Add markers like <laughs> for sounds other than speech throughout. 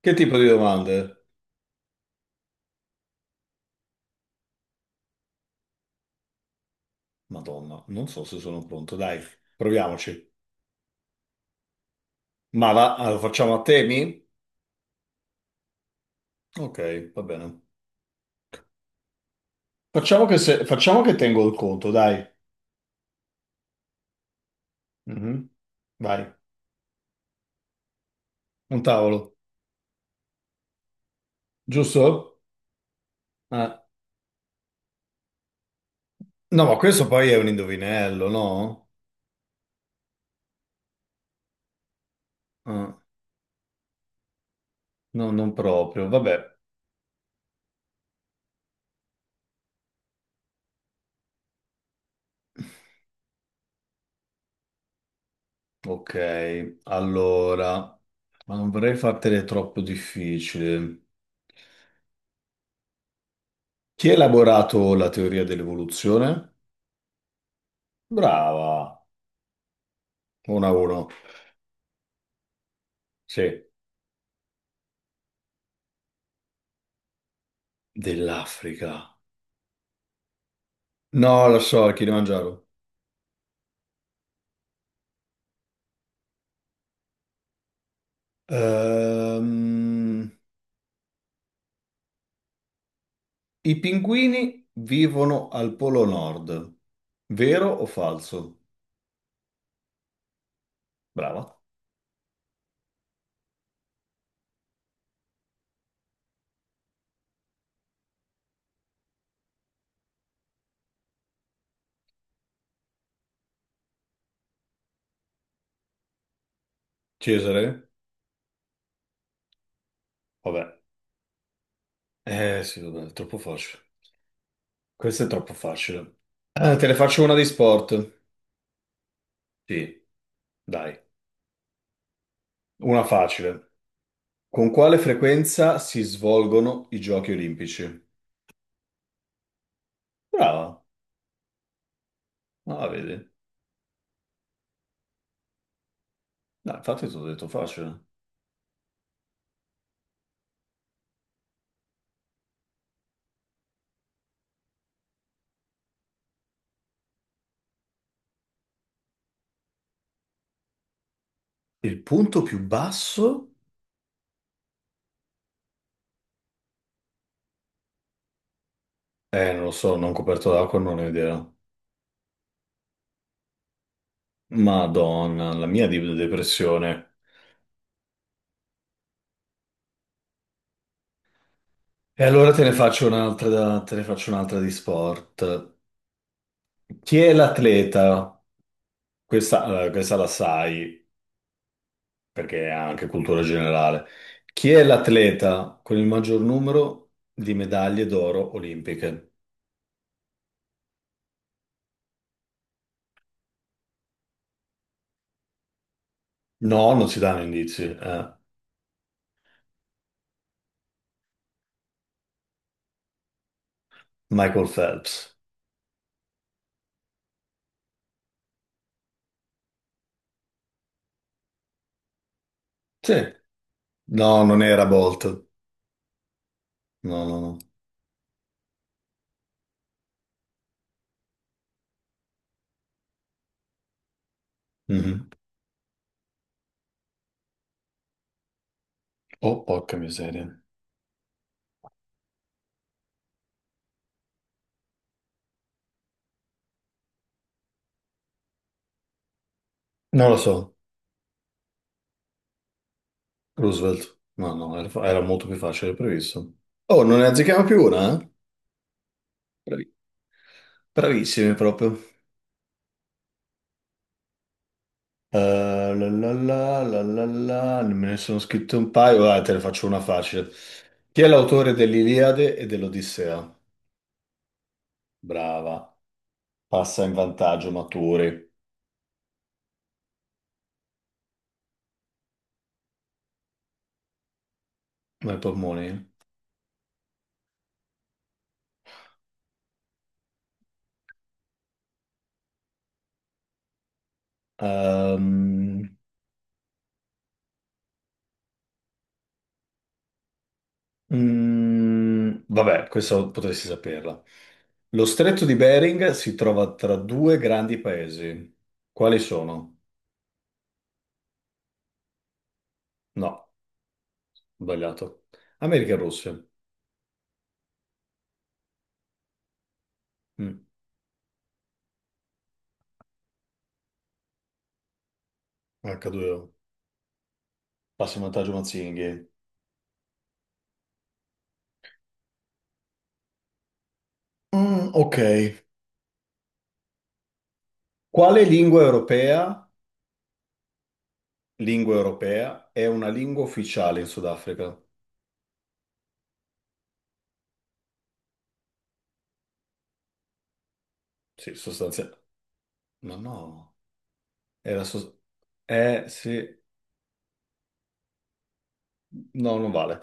Che tipo di domande? Madonna, non so se sono pronto. Dai, proviamoci. Ma va, allora, facciamo a temi? Ok, va bene. Facciamo che, facciamo che tengo il conto, dai. Mhm. Vai, un tavolo, giusto? Ah, no, ma questo poi è un indovinello, no? Ah, no, non proprio. Vabbè. Ok, allora, ma non vorrei fartele troppo difficile. Chi ha elaborato la teoria dell'evoluzione? Brava. 1 a 1. Sì, dell'Africa. No, lo so, il Kilimangiaro. Ehm, i pinguini vivono al Polo Nord. Vero o falso? Brava. Cesare? Vabbè. Eh sì, vabbè, è troppo facile. Questo è troppo facile. Ah, te ne faccio una di sport. Sì, dai. Una facile. Con quale frequenza si svolgono i giochi olimpici? Brava. Ah, vedi. No, infatti ti ho detto facile. Il punto più basso? Non lo so, non coperto d'acqua, non ho idea. Madonna, la mia depressione. E allora te ne faccio un'altra, te ne faccio un'altra di sport. Chi è l'atleta? Questa, allora, questa la sai, perché è anche cultura generale. Chi è l'atleta con il maggior numero di medaglie d'oro olimpiche? No, non si danno indizi, eh. Michael Phelps. Sì. No, non era Bolt. No, no, no. Mhm. Oh, porca miseria. Non lo so, Roosevelt. No, no, era, era molto più facile del previsto. Oh, non ne azzecchiamo più una, eh? Bravi- Bravissimi proprio. Eh, Me ne sono scritto un paio, dai, te ne faccio una facile. Chi è l'autore dell'Iliade e dell'Odissea? Brava. Passa in vantaggio, maturi. Ma i polmoni? Ehm, Mm, vabbè, questo potresti saperla. Lo stretto di Bering si trova tra due grandi paesi. Quali sono? No, sbagliato. America e Russia. Mm, H2O. Passa in vantaggio Mazzinghi. Mm, ok. Quale lingua europea, lingua europea è una lingua ufficiale in Sudafrica? Sì, sostanzialmente. Ma no, era so- eh, sì. No, non vale.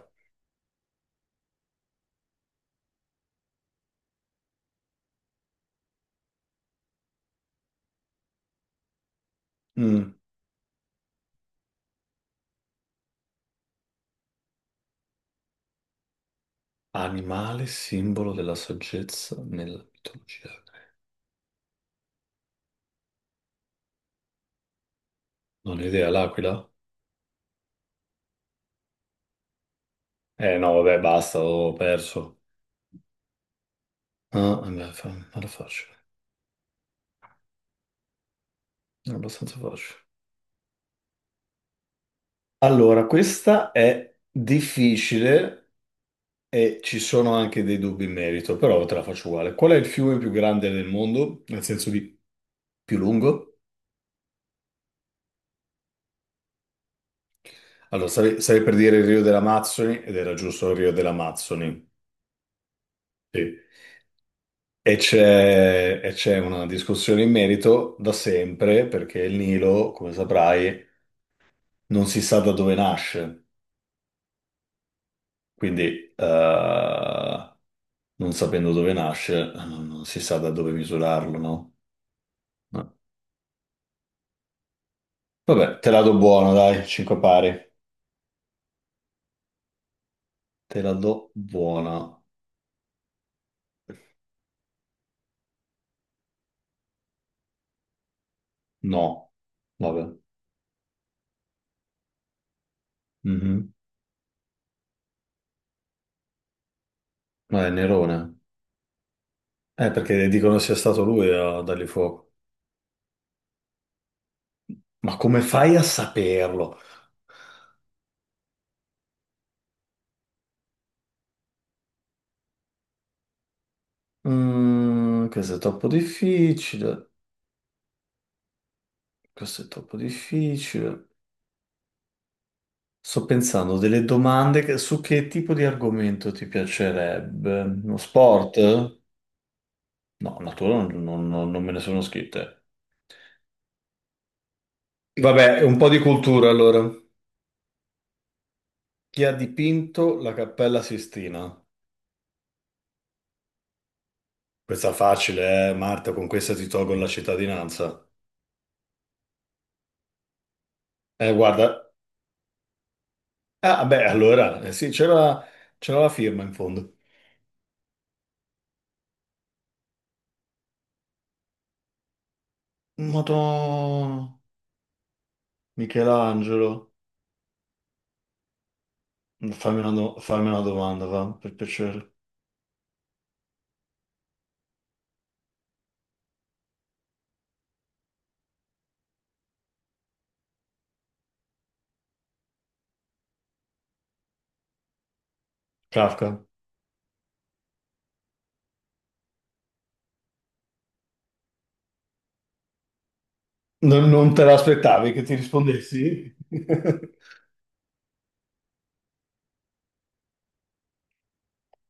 Mm. Animale simbolo della saggezza nella mitologia greca. Non ho idea, l'aquila? Eh no, vabbè, basta, ho perso. Ah, vabbè, era facile, era abbastanza facile. Allora, questa è difficile e ci sono anche dei dubbi in merito, però te la faccio uguale. Qual è il fiume più grande del mondo, nel senso di più lungo? Allora, stavi per dire il Rio delle Amazzoni ed era giusto il Rio delle Amazzoni. Sì. E c'è una discussione in merito da sempre, perché il Nilo, come saprai, non si sa da dove nasce. Quindi, eh, non sapendo dove nasce, non si sa da dove misurarlo, no? No. Vabbè, te la do buona, dai, 5 pari. Te la do buona. No. Vabbè. Mhm. Ma è Nerone. Perché dicono sia stato lui a dargli fuoco. Ma come fai a saperlo? Mm, questo è troppo difficile. Questo è troppo difficile. Sto pensando delle su che tipo di argomento ti piacerebbe? Uno sport? No, natura non me ne sono scritte. Vabbè, un po' di cultura allora. Chi ha dipinto la Cappella Sistina? Questa facile, Marta, con questa ti tolgo la cittadinanza. Guarda. Ah, beh, allora, sì, c'era la firma in fondo. Madonna, Michelangelo. Fammi una domanda, va, per piacere. Kafka. Non, non te l'aspettavi che ti rispondessi? <laughs>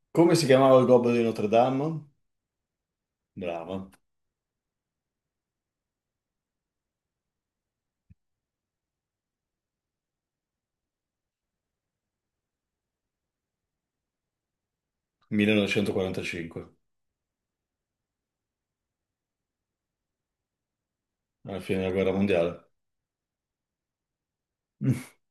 Come si chiamava il Gobbo di Notre Dame? Brava. 1945, alla fine della guerra mondiale. <laughs>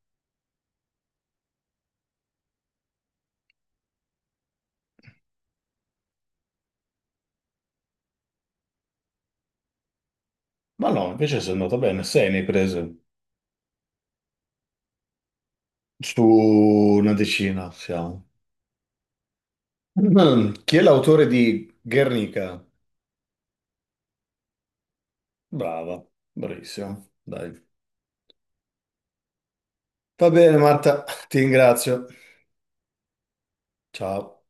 Ma no, invece sei andata bene, sei ne hai prese. Su una decina siamo. Mm, chi è l'autore di Guernica? Brava, bravissima, dai. Va bene, Marta, ti ringrazio. Ciao.